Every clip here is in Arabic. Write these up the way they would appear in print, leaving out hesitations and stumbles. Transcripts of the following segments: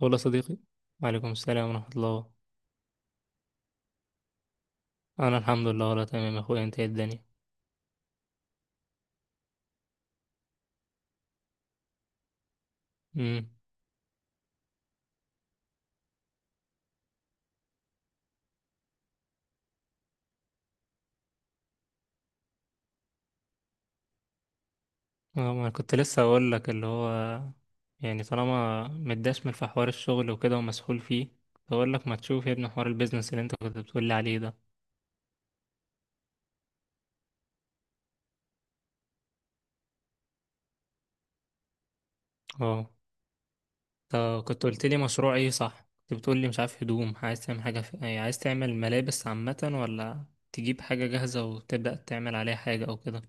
ولا صديقي. وعليكم السلام ورحمة الله. أنا الحمد لله، ولا تمام يا أخويا، أنت إيه الدنيا؟ امم. اه، ما أنا كنت لسه أقول لك اللي هو، يعني طالما متدشمل في حوار الشغل وكده ومسحول فيه، كنت أقول لك ما تشوف يا ابني حوار البيزنس اللي أنت كنت بتقول لي عليه ده. اه، طب كنت قلت لي مشروع إيه؟ صح كنت بتقول لي مش عارف هدوم، عايز تعمل حاجة في، يعني عايز تعمل ملابس عامة ولا تجيب حاجة جاهزة وتبدأ تعمل عليها حاجة أو كده؟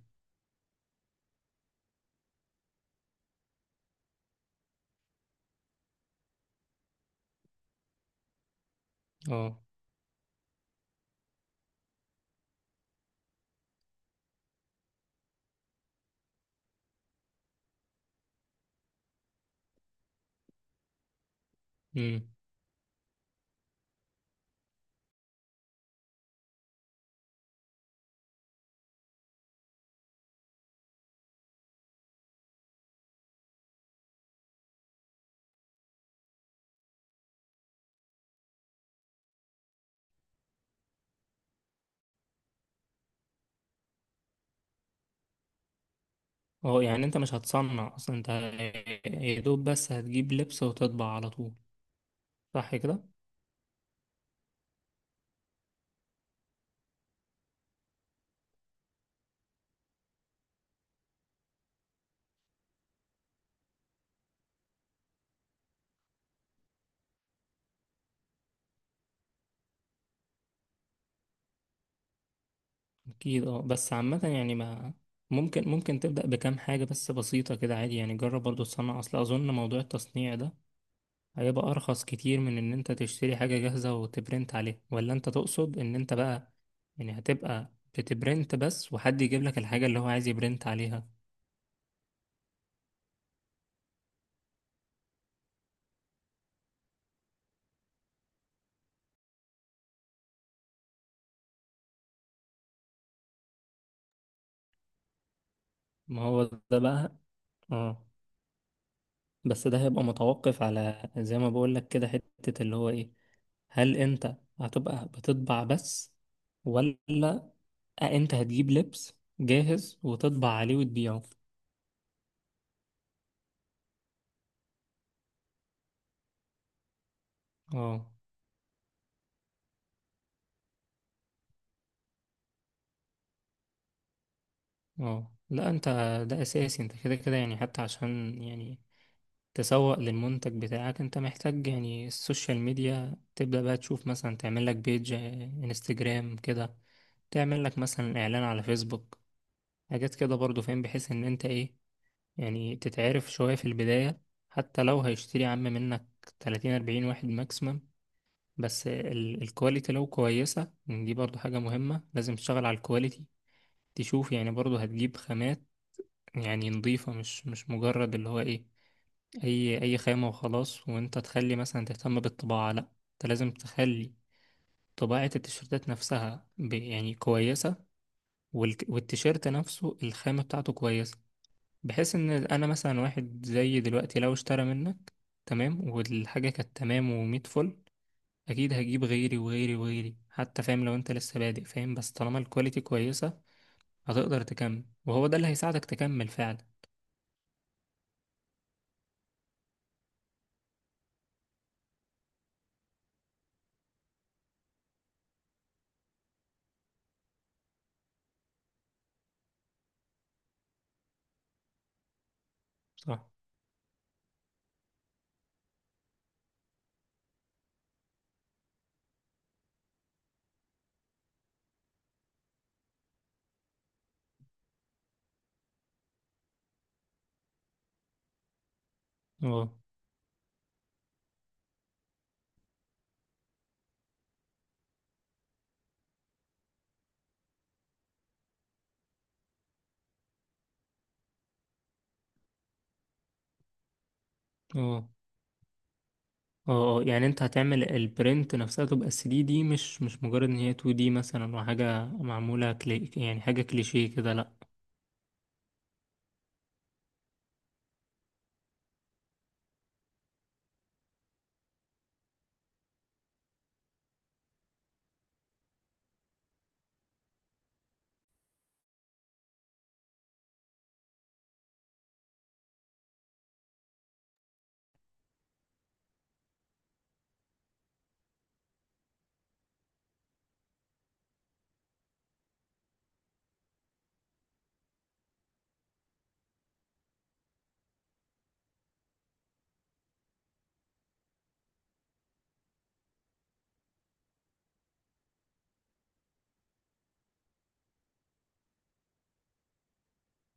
اه. امم. اه، يعني انت مش هتصنع اصلا انت، يا دوب بس هتجيب لبس وتطبع على طول، صح كده؟ اكيد. اه، بس عامة يعني، ما ممكن تبدأ بكام حاجة بس بسيطة كده عادي، يعني جرب برضو تصنع، اصل اظن موضوع التصنيع ده هيبقى ارخص كتير من ان انت تشتري حاجة جاهزة وتبرنت عليها، ولا انت تقصد ان انت بقى يعني هتبقى بتبرنت بس وحد يجيب لك الحاجة اللي هو عايز يبرنت عليها؟ ما هو ده بقى. اه، بس ده هيبقى متوقف على زي ما بقول لك كده، حتة اللي هو ايه، هل انت هتبقى بتطبع بس، ولا انت هتجيب لبس جاهز وتطبع عليه وتبيعه؟ اه. اه، لا انت، ده اساسي انت كده كده، يعني حتى عشان يعني تسوق للمنتج بتاعك، انت محتاج يعني السوشيال ميديا، تبدأ بقى تشوف مثلا تعمل لك بيج انستجرام كده، تعمل لك مثلا اعلان على فيسبوك، حاجات كده برضو فاهم، بحيث ان انت ايه يعني تتعرف شوية في البداية، حتى لو هيشتري يا عم منك 30 40 واحد ماكسيمم. بس الكواليتي لو كويسة دي برضو حاجة مهمة، لازم تشتغل على الكواليتي. تشوف يعني برضو هتجيب خامات يعني نظيفة، مش مجرد اللي هو ايه، اي خامة وخلاص، وانت تخلي مثلا تهتم بالطباعة، لا، انت لازم تخلي طباعة التيشيرتات نفسها يعني كويسة، والتيشيرت نفسه الخامة بتاعته كويسة. بحيث ان انا مثلا واحد زي دلوقتي لو اشترى منك، تمام، والحاجة كانت تمام ومية فل، اكيد هجيب غيري وغيري وغيري حتى. فاهم، لو انت لسه بادئ، فاهم، بس طالما الكواليتي كويسة هتقدر تكمل، وهو ده اللي هيساعدك تكمل فعلا. صح. اه. اه. اه. آه. يعني انت هتعمل البرنت نفسها تبقى 3D، مش مجرد ان هي 2D مثلا وحاجة معمولة كلي، يعني حاجة كليشيه كده، لا.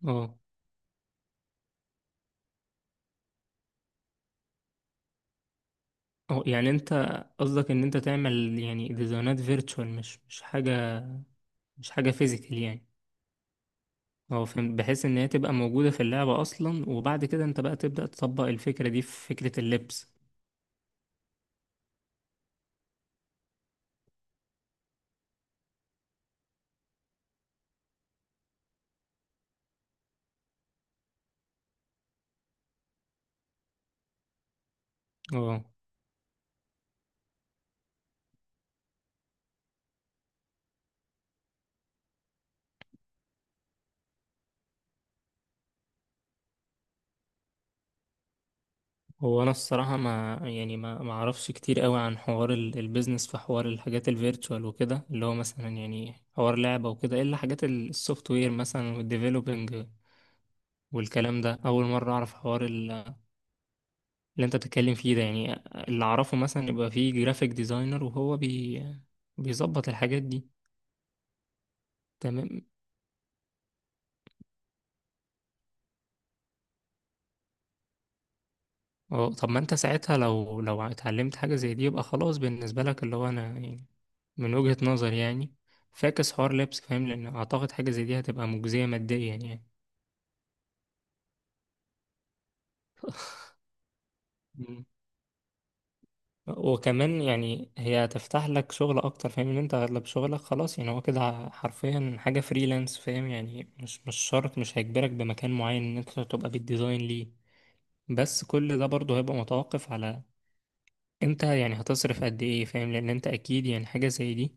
اه. اه، يعني انت قصدك ان انت تعمل يعني ديزاينات فيرتشوال، مش حاجة، مش حاجة فيزيكال يعني. هو فهم بحيث ان هي تبقى موجودة في اللعبة اصلا، وبعد كده انت بقى تبدأ تطبق الفكرة دي في فكرة اللبس. اه. هو انا الصراحة، ما يعني ما اعرفش كتير قوي عن حوار البيزنس، في حوار الحاجات الفيرتشوال وكده، اللي هو مثلا يعني حوار لعبة وكده، الا حاجات السوفت وير مثلا والديفلوبينج والكلام ده اول مرة اعرف حوار اللي انت بتتكلم فيه ده يعني. اللي اعرفه مثلا يبقى فيه جرافيك ديزاينر، وهو بيظبط الحاجات دي. تمام. اه، طب ما انت ساعتها لو اتعلمت حاجة زي دي يبقى خلاص بالنسبة لك، اللي هو انا يعني من وجهة نظري يعني، فاكس حوار لبس فاهم، لان اعتقد حاجة زي دي هتبقى مجزية ماديا يعني. مم. وكمان يعني هي هتفتح لك شغل اكتر، فاهم ان انت اغلب شغلك خلاص، يعني هو كده حرفيا حاجة فريلانس، فاهم يعني مش شرط، مش هيجبرك بمكان معين ان انت تبقى بالديزاين ليه. بس كل ده برضه هيبقى متوقف على انت يعني هتصرف قد ايه، فاهم، لان انت اكيد يعني حاجة زي دي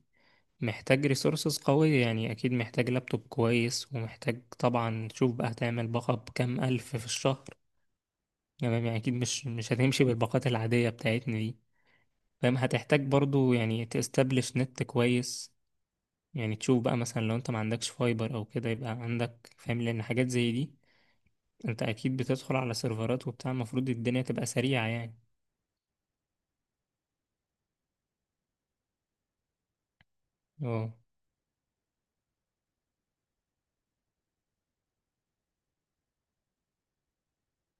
محتاج ريسورسز قوية يعني، أكيد محتاج لابتوب كويس، ومحتاج طبعا تشوف بقى هتعمل باقة بكام ألف في الشهر، يعني أكيد مش هتمشي بالباقات العادية بتاعتنا دي. فاهم، هتحتاج برضو يعني تستبلش نت كويس، يعني تشوف بقى مثلا لو أنت ما عندكش فايبر أو كده يبقى عندك، فاهم، لأن حاجات زي دي أنت أكيد بتدخل على سيرفرات وبتاع، المفروض الدنيا تبقى سريعة يعني. اه.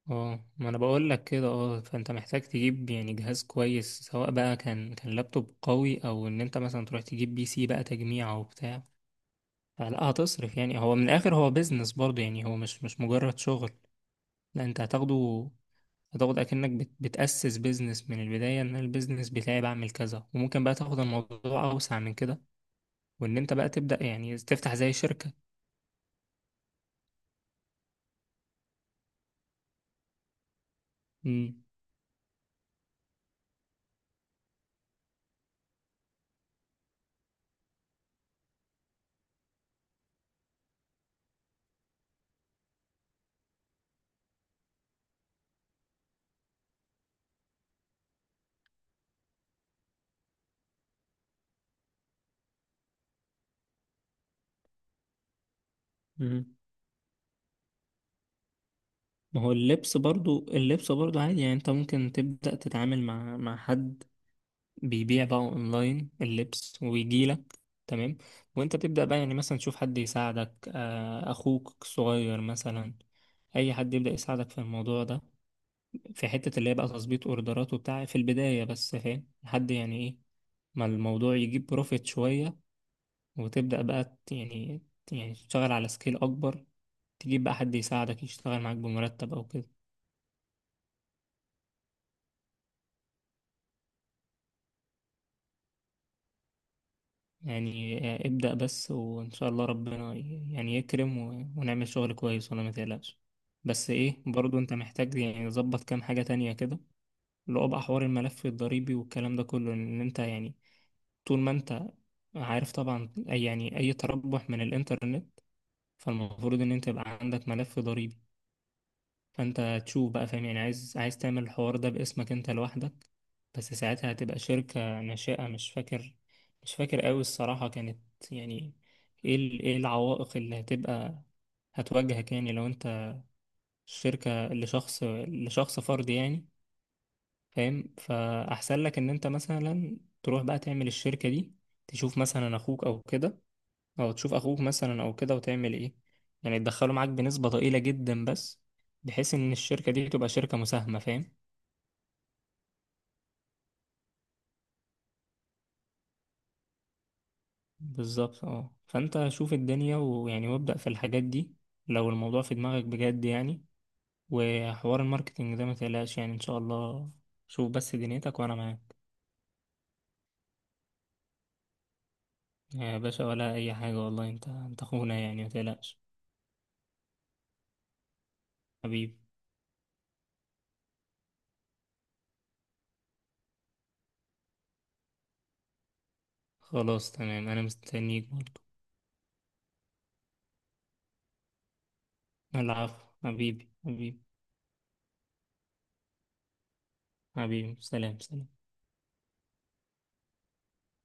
اه، ما انا بقول لك كده. اه، فانت محتاج تجيب يعني جهاز كويس، سواء بقى كان لابتوب قوي، او ان انت مثلا تروح تجيب بي سي بقى تجميع او بتاع. فلا هتصرف يعني، هو من الاخر هو بيزنس برضه يعني، هو مش مجرد شغل. لا، انت هتاخد اكنك بتأسس بيزنس من البداية، ان البيزنس بتاعي بعمل كذا، وممكن بقى تاخد الموضوع اوسع من كده، وان انت بقى تبدأ يعني تفتح زي شركة. امم. امم. ما هو اللبس برضو، اللبس برضو عادي يعني، انت ممكن تبدأ تتعامل مع حد بيبيع بقى اونلاين اللبس ويجيلك، تمام، وانت تبدأ بقى يعني مثلا تشوف حد يساعدك، اخوك الصغير مثلا، اي حد يبدأ يساعدك في الموضوع ده، في حتة اللي هي بقى تظبيط اوردرات وبتاع في البداية بس، فاهم لحد يعني ايه، ما الموضوع يجيب بروفيت شوية، وتبدأ بقى يعني تشتغل على سكيل اكبر، تجيب بقى حد يساعدك يشتغل معاك بمرتب او كده. يعني ابدأ بس وإن شاء الله ربنا يعني يكرم ونعمل شغل كويس، ولا ما تقلقش. بس إيه، برضو أنت محتاج يعني تظبط كام حاجة تانية كده، اللي هو بقى حوار الملف الضريبي والكلام ده كله، إن أنت يعني طول ما أنت عارف طبعا، أي تربح من الإنترنت فالمفروض إن أنت يبقى عندك ملف ضريبي. فانت تشوف بقى، فاهم يعني عايز تعمل الحوار ده باسمك انت لوحدك، بس ساعتها هتبقى شركة ناشئة، مش فاكر قوي الصراحة، كانت يعني ايه ايه العوائق اللي هتبقى هتواجهك يعني لو انت شركة لشخص فرد يعني. فاهم، فأحسن لك ان انت مثلا تروح بقى تعمل الشركة دي، تشوف مثلا اخوك او كده، او تشوف اخوك مثلا او كده، وتعمل ايه، يعني تدخله معاك بنسبة ضئيلة جدا بس، بحيث ان الشركة دي تبقى شركة مساهمة، فاهم. بالظبط، اه، فانت شوف الدنيا ويعني وابدأ في الحاجات دي، لو الموضوع في دماغك بجد يعني. وحوار الماركتينج ده ما تقلقش يعني، ان شاء الله، شوف بس دنيتك وانا معاك. يا باشا، ولا اي حاجة، والله انت اخونا يعني ما تقلقش. حبيبي. خلاص تمام، انا مستنيك برضه. العفو حبيبي. حبيبي. حبيبي. سلام سلام.